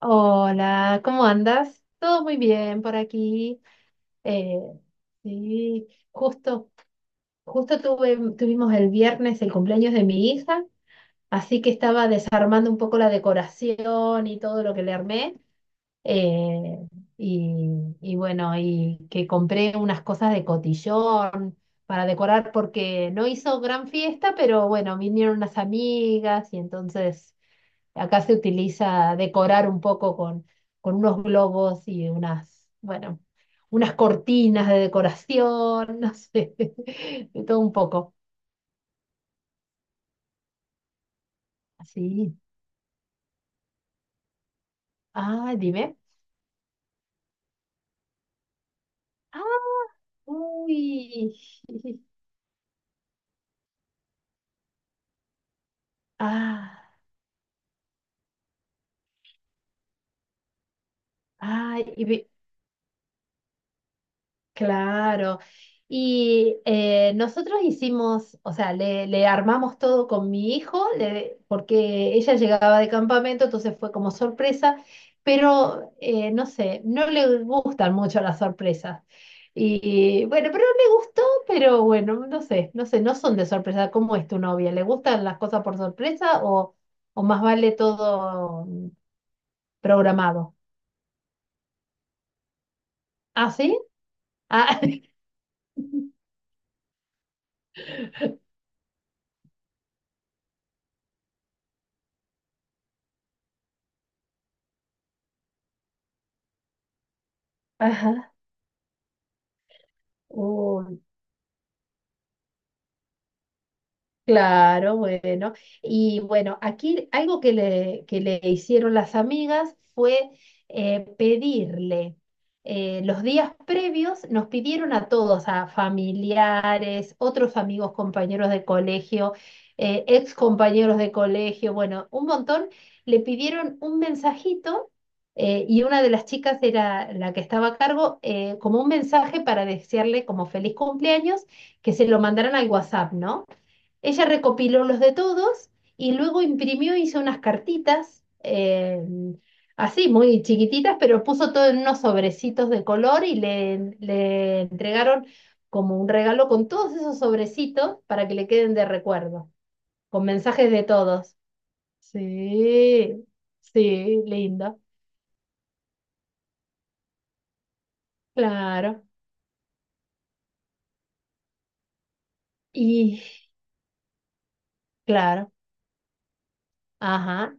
Hola, ¿cómo andas? Todo muy bien por aquí. Eh, sí, justo tuvimos el viernes el cumpleaños de mi hija, así que estaba desarmando un poco la decoración y todo lo que le armé. eh, y bueno, y que compré unas cosas de cotillón para decorar porque no hizo gran fiesta, pero bueno, vinieron unas amigas y entonces acá se utiliza decorar un poco con, unos globos y bueno, unas cortinas de decoración, no sé, de todo un poco. Así. Ah, dime. Ah, uy. Ah, ay, claro. Y nosotros hicimos, o sea, le armamos todo con mi hijo, porque ella llegaba de campamento, entonces fue como sorpresa, pero no sé, no le gustan mucho las sorpresas. Y bueno, pero me gustó, pero bueno, no sé, no son de sorpresa. ¿Cómo es tu novia? ¿Le gustan las cosas por sorpresa o más vale todo programado? ¿Ah, sí? Ah, ajá. Uy. Claro, bueno. Y bueno, aquí algo que le hicieron las amigas fue pedirle, los días previos nos pidieron a todos, a familiares, otros amigos, compañeros de colegio, ex compañeros de colegio, bueno, un montón, le pidieron un mensajito y una de las chicas era la que estaba a cargo, como un mensaje para desearle como feliz cumpleaños, que se lo mandaran al WhatsApp, ¿no? Ella recopiló los de todos y luego imprimió, hizo unas cartitas, así, muy chiquititas, pero puso todo en unos sobrecitos de color y le entregaron como un regalo con todos esos sobrecitos para que le queden de recuerdo, con mensajes de todos. Sí, sí, lindo, claro. Y claro, ajá.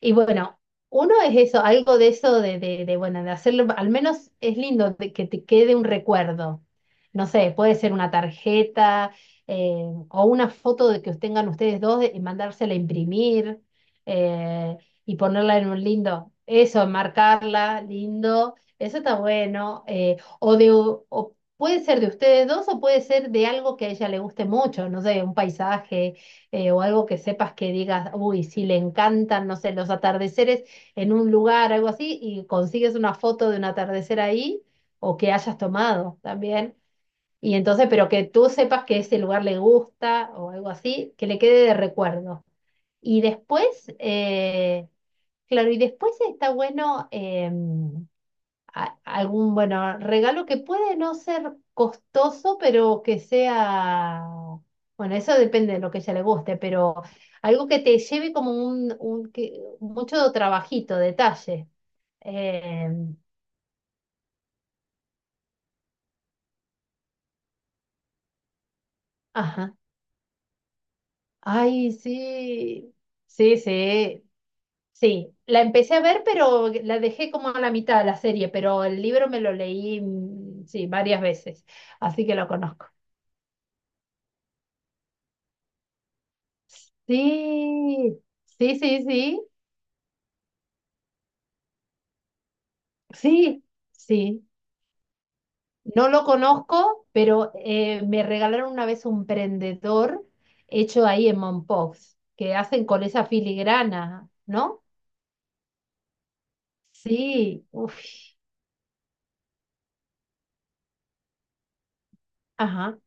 Y bueno, uno es eso, algo de eso bueno, de hacerlo, al menos es lindo de que te quede un recuerdo. No sé, puede ser una tarjeta eh, o una foto de que tengan ustedes dos y mandársela a imprimir eh, y ponerla en un lindo, eso, marcarla, lindo, eso está bueno. O puede ser de ustedes dos o puede ser de algo que a ella le guste mucho, no sé, un paisaje o algo que sepas que digas, uy, si le encantan, no sé, los atardeceres en un lugar, algo así, y consigues una foto de un atardecer ahí o que hayas tomado también. Y entonces, pero que tú sepas que ese lugar le gusta o algo así, que le quede de recuerdo. Y después, eh, claro, y después está bueno. Algún, bueno, regalo que puede no ser costoso, pero que sea, bueno, eso depende de lo que a ella le guste, pero algo que te lleve como un, mucho trabajito, detalle. Eh, ajá. Ay, sí, sí, sí, sí. La empecé a ver, pero la dejé como a la mitad de la serie, pero el libro me lo leí, sí, varias veces, así que lo conozco. Sí, sí, sí, sí. Sí, sí. No lo conozco, pero me regalaron una vez un prendedor hecho ahí en Mompox, que hacen con esa filigrana, ¿no? Sí, uf, ajá.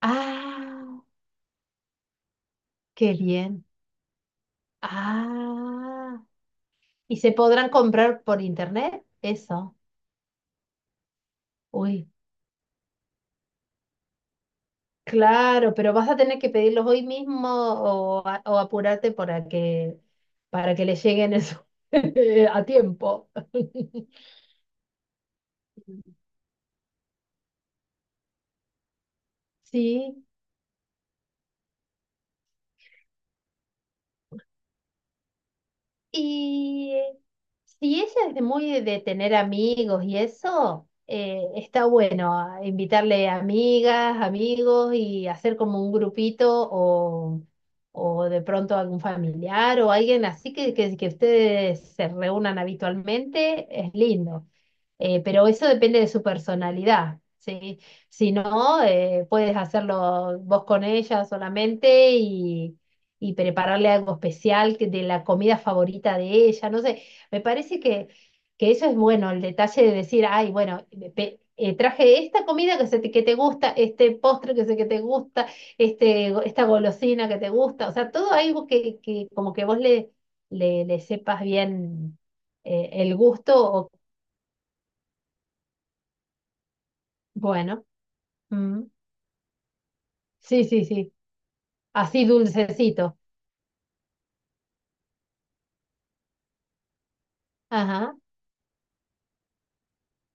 Ah, qué bien. Ah, ¿y se podrán comprar por internet? Eso. Uy, claro, pero vas a tener que pedirlos hoy mismo o apurarte para que, les lleguen eso a tiempo. Sí, y si ella es de muy de tener amigos y eso, está bueno a invitarle amigas, amigos y hacer como un grupito o de pronto algún familiar o alguien así que ustedes se reúnan habitualmente, es lindo. Pero eso depende de su personalidad, ¿sí? Si no, puedes hacerlo vos con ella solamente y, prepararle algo especial de la comida favorita de ella, no sé, me parece que eso es bueno, el detalle de decir, ay, bueno, traje esta comida que te gusta, este postre que sé que te gusta, esta golosina que te gusta, o sea, todo algo que como que vos le sepas bien el gusto o. Bueno. Mm. Sí, sí, sí. Así dulcecito. Ajá,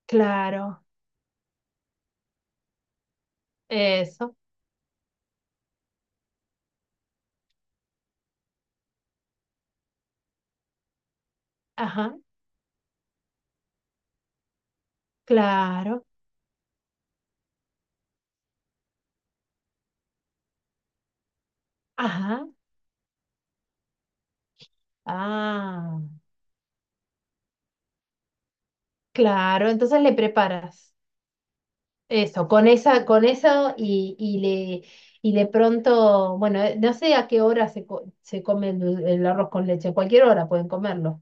claro. Eso. Ajá, claro. Ajá. Ah, claro. Entonces le preparas eso, con eso y le y de pronto, bueno, no sé a qué hora se come el arroz con leche, a cualquier hora pueden comerlo.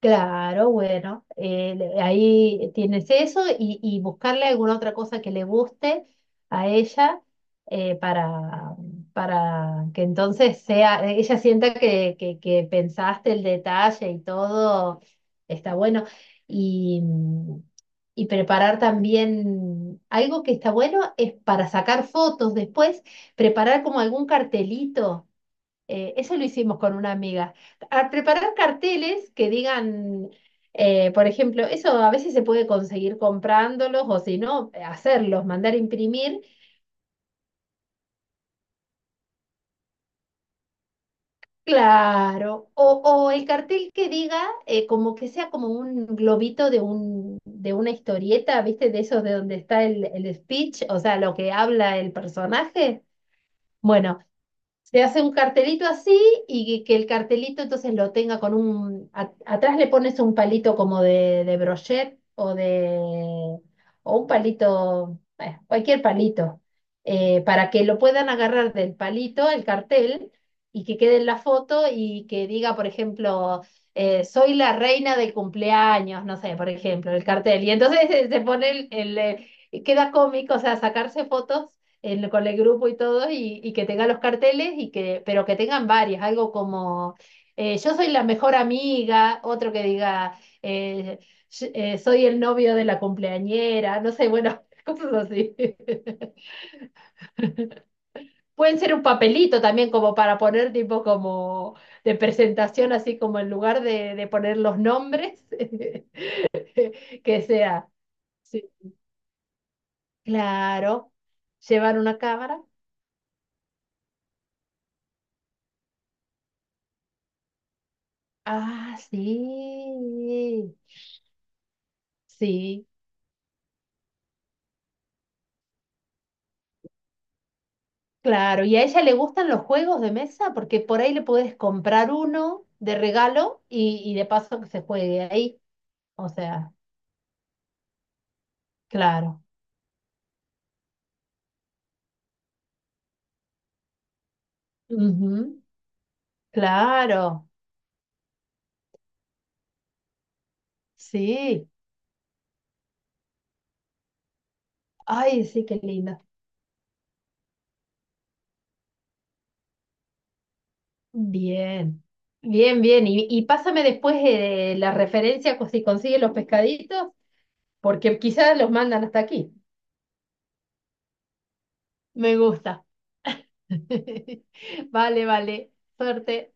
Claro, bueno, ahí tienes eso y, buscarle alguna otra cosa que le guste a ella eh, para, para que entonces ella sienta que pensaste el detalle y todo está bueno. Y, y preparar también algo que está bueno es para sacar fotos después, preparar como algún cartelito eso lo hicimos con una amiga. A preparar carteles que digan, por ejemplo, eso a veces se puede conseguir comprándolos o si no, hacerlos, mandar imprimir, claro. O el cartel que diga, como que sea como un globito de una historieta, ¿viste? De esos de donde está el speech, o sea, lo que habla el personaje. Bueno. Se hace un cartelito así y que el cartelito entonces lo tenga con un, atrás le pones un palito como de brochet o un palito, bueno, cualquier palito, para que lo puedan agarrar del palito, el cartel, y que quede en la foto y que diga, por ejemplo, soy la reina del cumpleaños, no sé, por ejemplo, el cartel. Y entonces se pone queda cómico, o sea, sacarse fotos con el grupo y todo, y que tenga los carteles, pero que tengan varias, algo como yo soy la mejor amiga, otro que diga soy el novio de la cumpleañera, no sé, bueno, cosas así. Pueden ser un papelito también como para poner tipo como de presentación, así como en lugar de poner los nombres, que sea, sí, claro, llevar una cámara. Ah, sí, sí. Claro, ¿y a ella le gustan los juegos de mesa? Porque por ahí le puedes comprar uno de regalo y, de paso que se juegue ahí. O sea, claro. Ujú, claro, sí. Ay, sí, qué lindo. Bien, bien, bien. Y pásame después la referencia si consigues los pescaditos, porque quizás los mandan hasta aquí. Me gusta. Vale, vale. Suerte.